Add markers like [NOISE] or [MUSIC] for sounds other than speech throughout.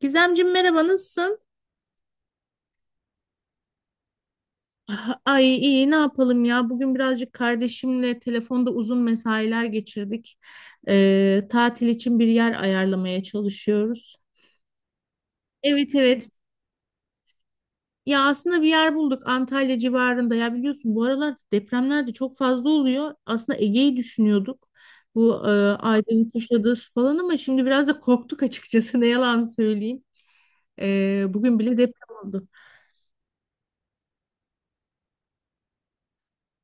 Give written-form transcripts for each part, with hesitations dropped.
Gizemciğim, merhaba, nasılsın? [LAUGHS] Ah, ay, iyi. Ne yapalım ya, bugün birazcık kardeşimle telefonda uzun mesailer geçirdik. Tatil için bir yer ayarlamaya çalışıyoruz. Evet, evet. Ya aslında bir yer bulduk Antalya civarında. Ya biliyorsun, bu aralar depremler de çok fazla oluyor. Aslında Ege'yi düşünüyorduk, bu Aydın, Kuşadası falan, ama şimdi biraz da korktuk açıkçası [LAUGHS] ne yalan söyleyeyim. Bugün bile deprem oldu.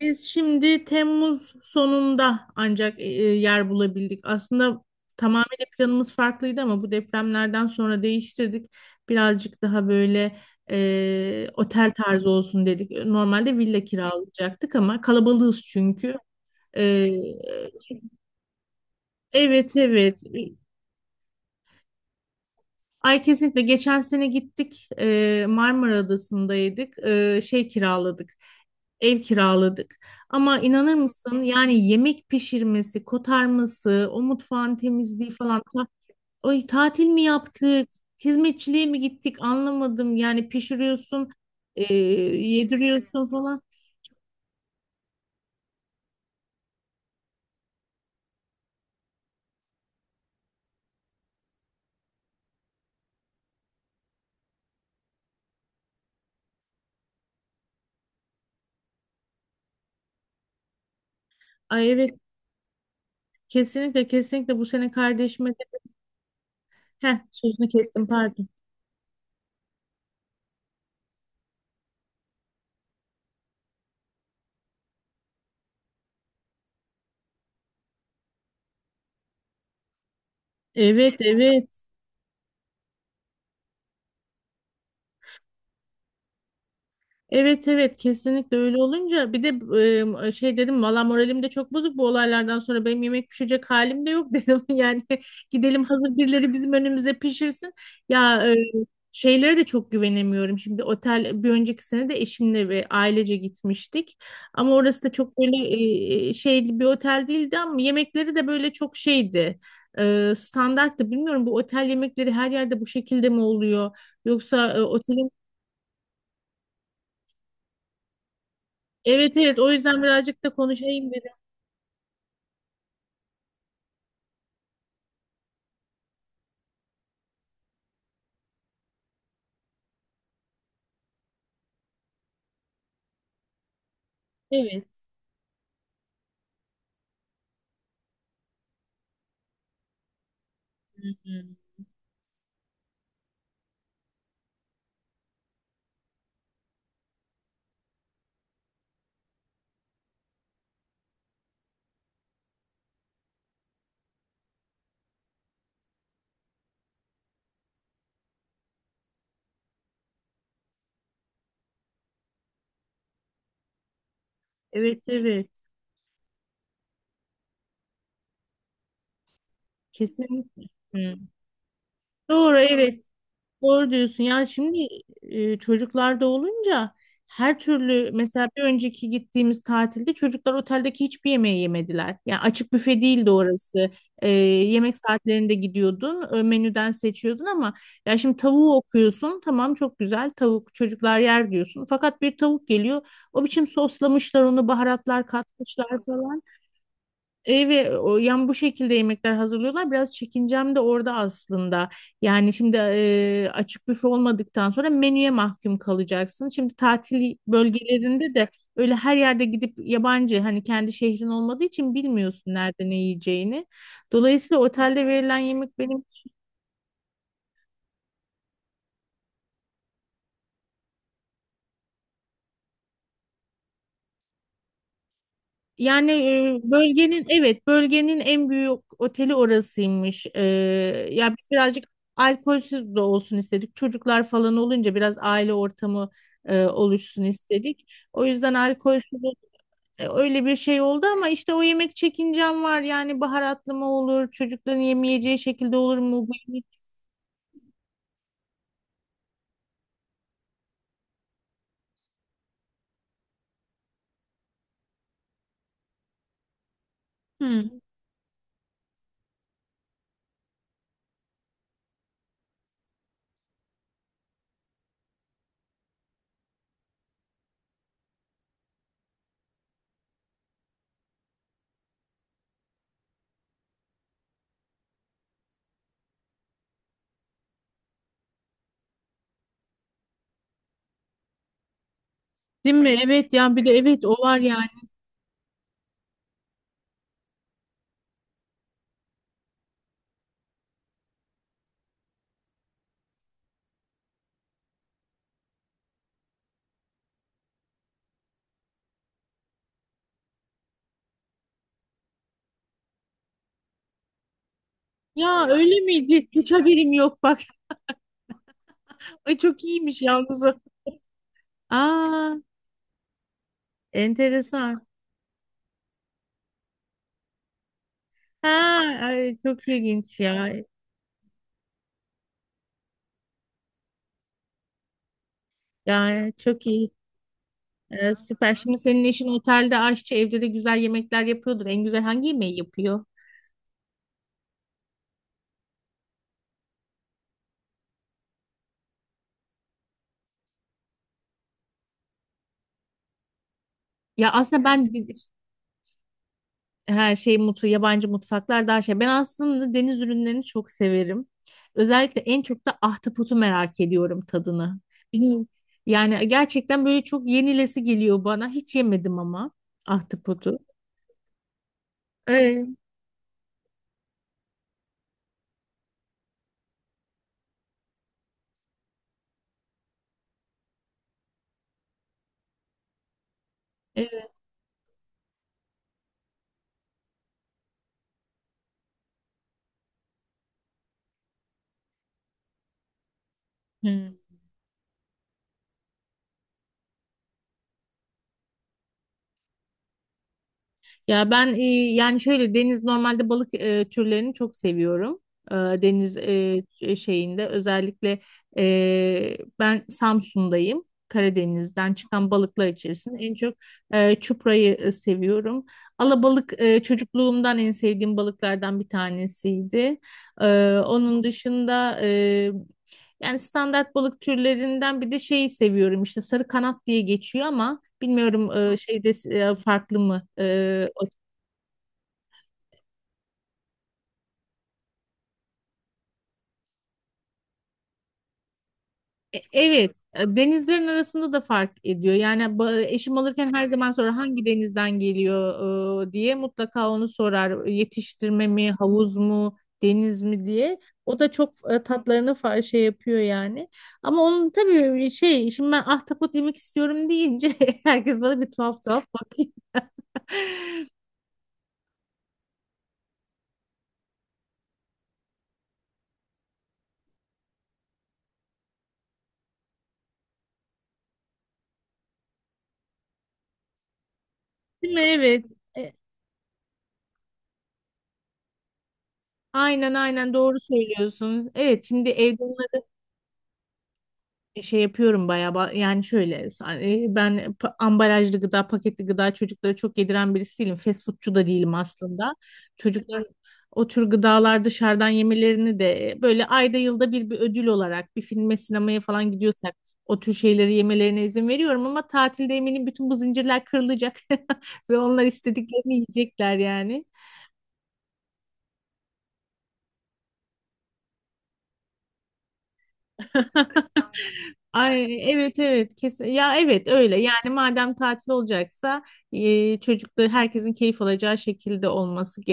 Biz şimdi Temmuz sonunda ancak yer bulabildik. Aslında tamamıyla planımız farklıydı ama bu depremlerden sonra değiştirdik. Birazcık daha böyle otel tarzı olsun dedik. Normalde villa kiralayacaktık ama kalabalığız çünkü. E, evet, evet. Ay kesinlikle, geçen sene gittik, Marmara Adası'ndaydık. E, şey kiraladık Ev kiraladık ama inanır mısın, yani yemek pişirmesi, kotarması, o mutfağın temizliği falan. Ay, tatil mi yaptık? Hizmetçiliğe mi gittik? Anlamadım. Yani pişiriyorsun, yediriyorsun falan. Ay evet, kesinlikle kesinlikle bu sene kardeşime de... Heh, sözünü kestim, pardon. Evet, evet. Evet, evet, kesinlikle öyle olunca bir de şey dedim, valla moralim de çok bozuk bu olaylardan sonra, benim yemek pişirecek halim de yok [LAUGHS] dedim yani gidelim, hazır birileri bizim önümüze pişirsin. Ya şeylere de çok güvenemiyorum şimdi otel. Bir önceki sene de eşimle ve ailece gitmiştik ama orası da çok böyle şey bir otel değildi, ama yemekleri de böyle çok şeydi, standarttı. Bilmiyorum, bu otel yemekleri her yerde bu şekilde mi oluyor yoksa otelin... Evet, evet, o yüzden birazcık da konuşayım dedim. Evet. Hı. Evet, evet. Kesinlikle. Hı. Doğru, evet. Doğru diyorsun. Ya şimdi çocuklarda olunca her türlü, mesela bir önceki gittiğimiz tatilde çocuklar oteldeki hiçbir yemeği yemediler. Yani açık büfe değildi orası. Yemek saatlerinde gidiyordun, menüden seçiyordun ama ya şimdi tavuğu okuyorsun. Tamam, çok güzel tavuk, çocuklar yer diyorsun. Fakat bir tavuk geliyor, o biçim soslamışlar onu, baharatlar katmışlar falan. Evet, o, yani bu şekilde yemekler hazırlıyorlar. Biraz çekincem de orada aslında. Yani şimdi açık büfe olmadıktan sonra menüye mahkum kalacaksın. Şimdi tatil bölgelerinde de öyle, her yerde gidip yabancı, hani kendi şehrin olmadığı için bilmiyorsun nerede ne yiyeceğini. Dolayısıyla otelde verilen yemek benim... Yani bölgenin, evet, bölgenin en büyük oteli orasıymış. Ya biz birazcık alkolsüz de olsun istedik. Çocuklar falan olunca biraz aile ortamı oluşsun istedik. O yüzden alkolsüz öyle bir şey oldu, ama işte o yemek çekincem var. Yani baharatlı mı olur? Çocukların yemeyeceği şekilde olur mu? Bu yemek-. Hı, değil mi? Evet, ya bir de evet, o var yani. Ya öyle miydi? Hiç haberim yok bak. [LAUGHS] Ay, çok iyiymiş yalnız. O. Aa, enteresan. Ha, ay, çok ilginç ya. Ya çok iyi. Süper. Şimdi senin eşin otelde aşçı, evde de güzel yemekler yapıyordur. En güzel hangi yemeği yapıyor? Ya aslında ben her şey mutlu, yabancı mutfaklar daha şey. Ben aslında deniz ürünlerini çok severim. Özellikle en çok da ahtapotu merak ediyorum tadını. Bilmiyorum. Yani gerçekten böyle çok yenilesi geliyor bana. Hiç yemedim ama ahtapotu. Evet. Evet. Ya ben yani şöyle deniz normalde balık türlerini çok seviyorum. Deniz şeyinde özellikle ben Samsun'dayım. Karadeniz'den çıkan balıklar içerisinde en çok çuprayı seviyorum. Alabalık çocukluğumdan en sevdiğim balıklardan bir tanesiydi. E, Onun dışında yani standart balık türlerinden bir de şeyi seviyorum, işte sarı kanat diye geçiyor ama bilmiyorum şeyde farklı mı? Evet, denizlerin arasında da fark ediyor. Yani eşim alırken her zaman sorar hangi denizden geliyor diye, mutlaka onu sorar. Yetiştirme mi, havuz mu, deniz mi diye. O da çok tatlarını şey yapıyor yani. Ama onun tabii şey, şimdi ben ahtapot yemek istiyorum deyince [LAUGHS] herkes bana bir tuhaf tuhaf bakıyor. [LAUGHS] Değil mi? Evet. E, Aynen, aynen, doğru söylüyorsun. Evet, şimdi evde şey yapıyorum bayağı, yani şöyle ben ambalajlı gıda, paketli gıda çocuklara çok yediren birisi değilim, fast foodçu da değilim aslında. Çocukların o tür gıdalar dışarıdan yemelerini de böyle ayda yılda bir, bir ödül olarak bir filme, sinemaya falan gidiyorsak o tür şeyleri yemelerine izin veriyorum, ama tatilde eminim bütün bu zincirler kırılacak [LAUGHS] ve onlar istediklerini yiyecekler yani. [LAUGHS] Ay evet, evet, kesin ya, evet öyle. Yani madem tatil olacaksa çocukları herkesin keyif alacağı şekilde olması ge-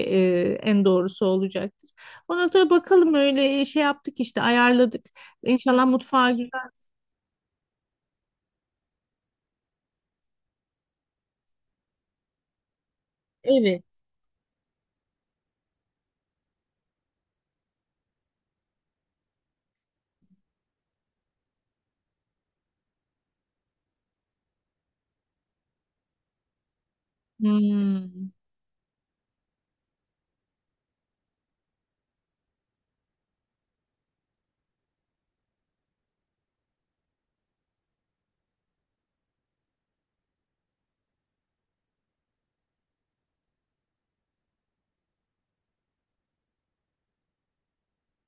e, en doğrusu olacaktır. Ona da bakalım, öyle şey yaptık işte, ayarladık. İnşallah mutfağa güzel. Evet. Hmm.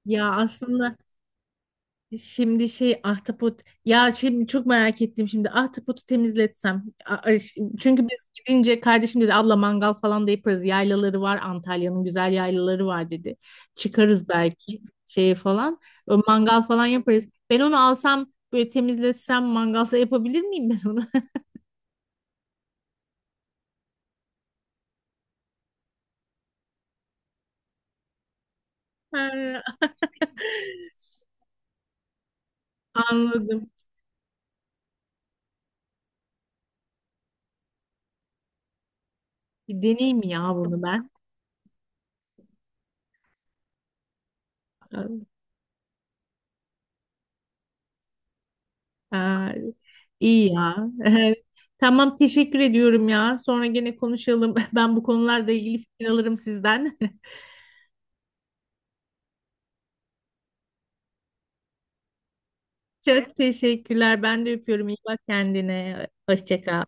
Ya aslında. Şimdi şey, ahtapot, ya şimdi çok merak ettim. Şimdi ahtapotu temizletsem, çünkü biz gidince kardeşim dedi, abla mangal falan da yaparız, yaylaları var Antalya'nın, güzel yaylaları var dedi, çıkarız belki şeye falan. O mangal falan yaparız, ben onu alsam böyle temizletsem mangalda yapabilir miyim ben onu? [LAUGHS] Ha, [LAUGHS] anladım. Bir deneyeyim ya bunu ben. [LAUGHS] Ha, iyi ya. [LAUGHS] Tamam, teşekkür ediyorum ya. Sonra gene konuşalım. [LAUGHS] Ben bu konularla ilgili fikir alırım sizden. [LAUGHS] Çok teşekkürler. Ben de öpüyorum. İyi bak kendine. Hoşça kal.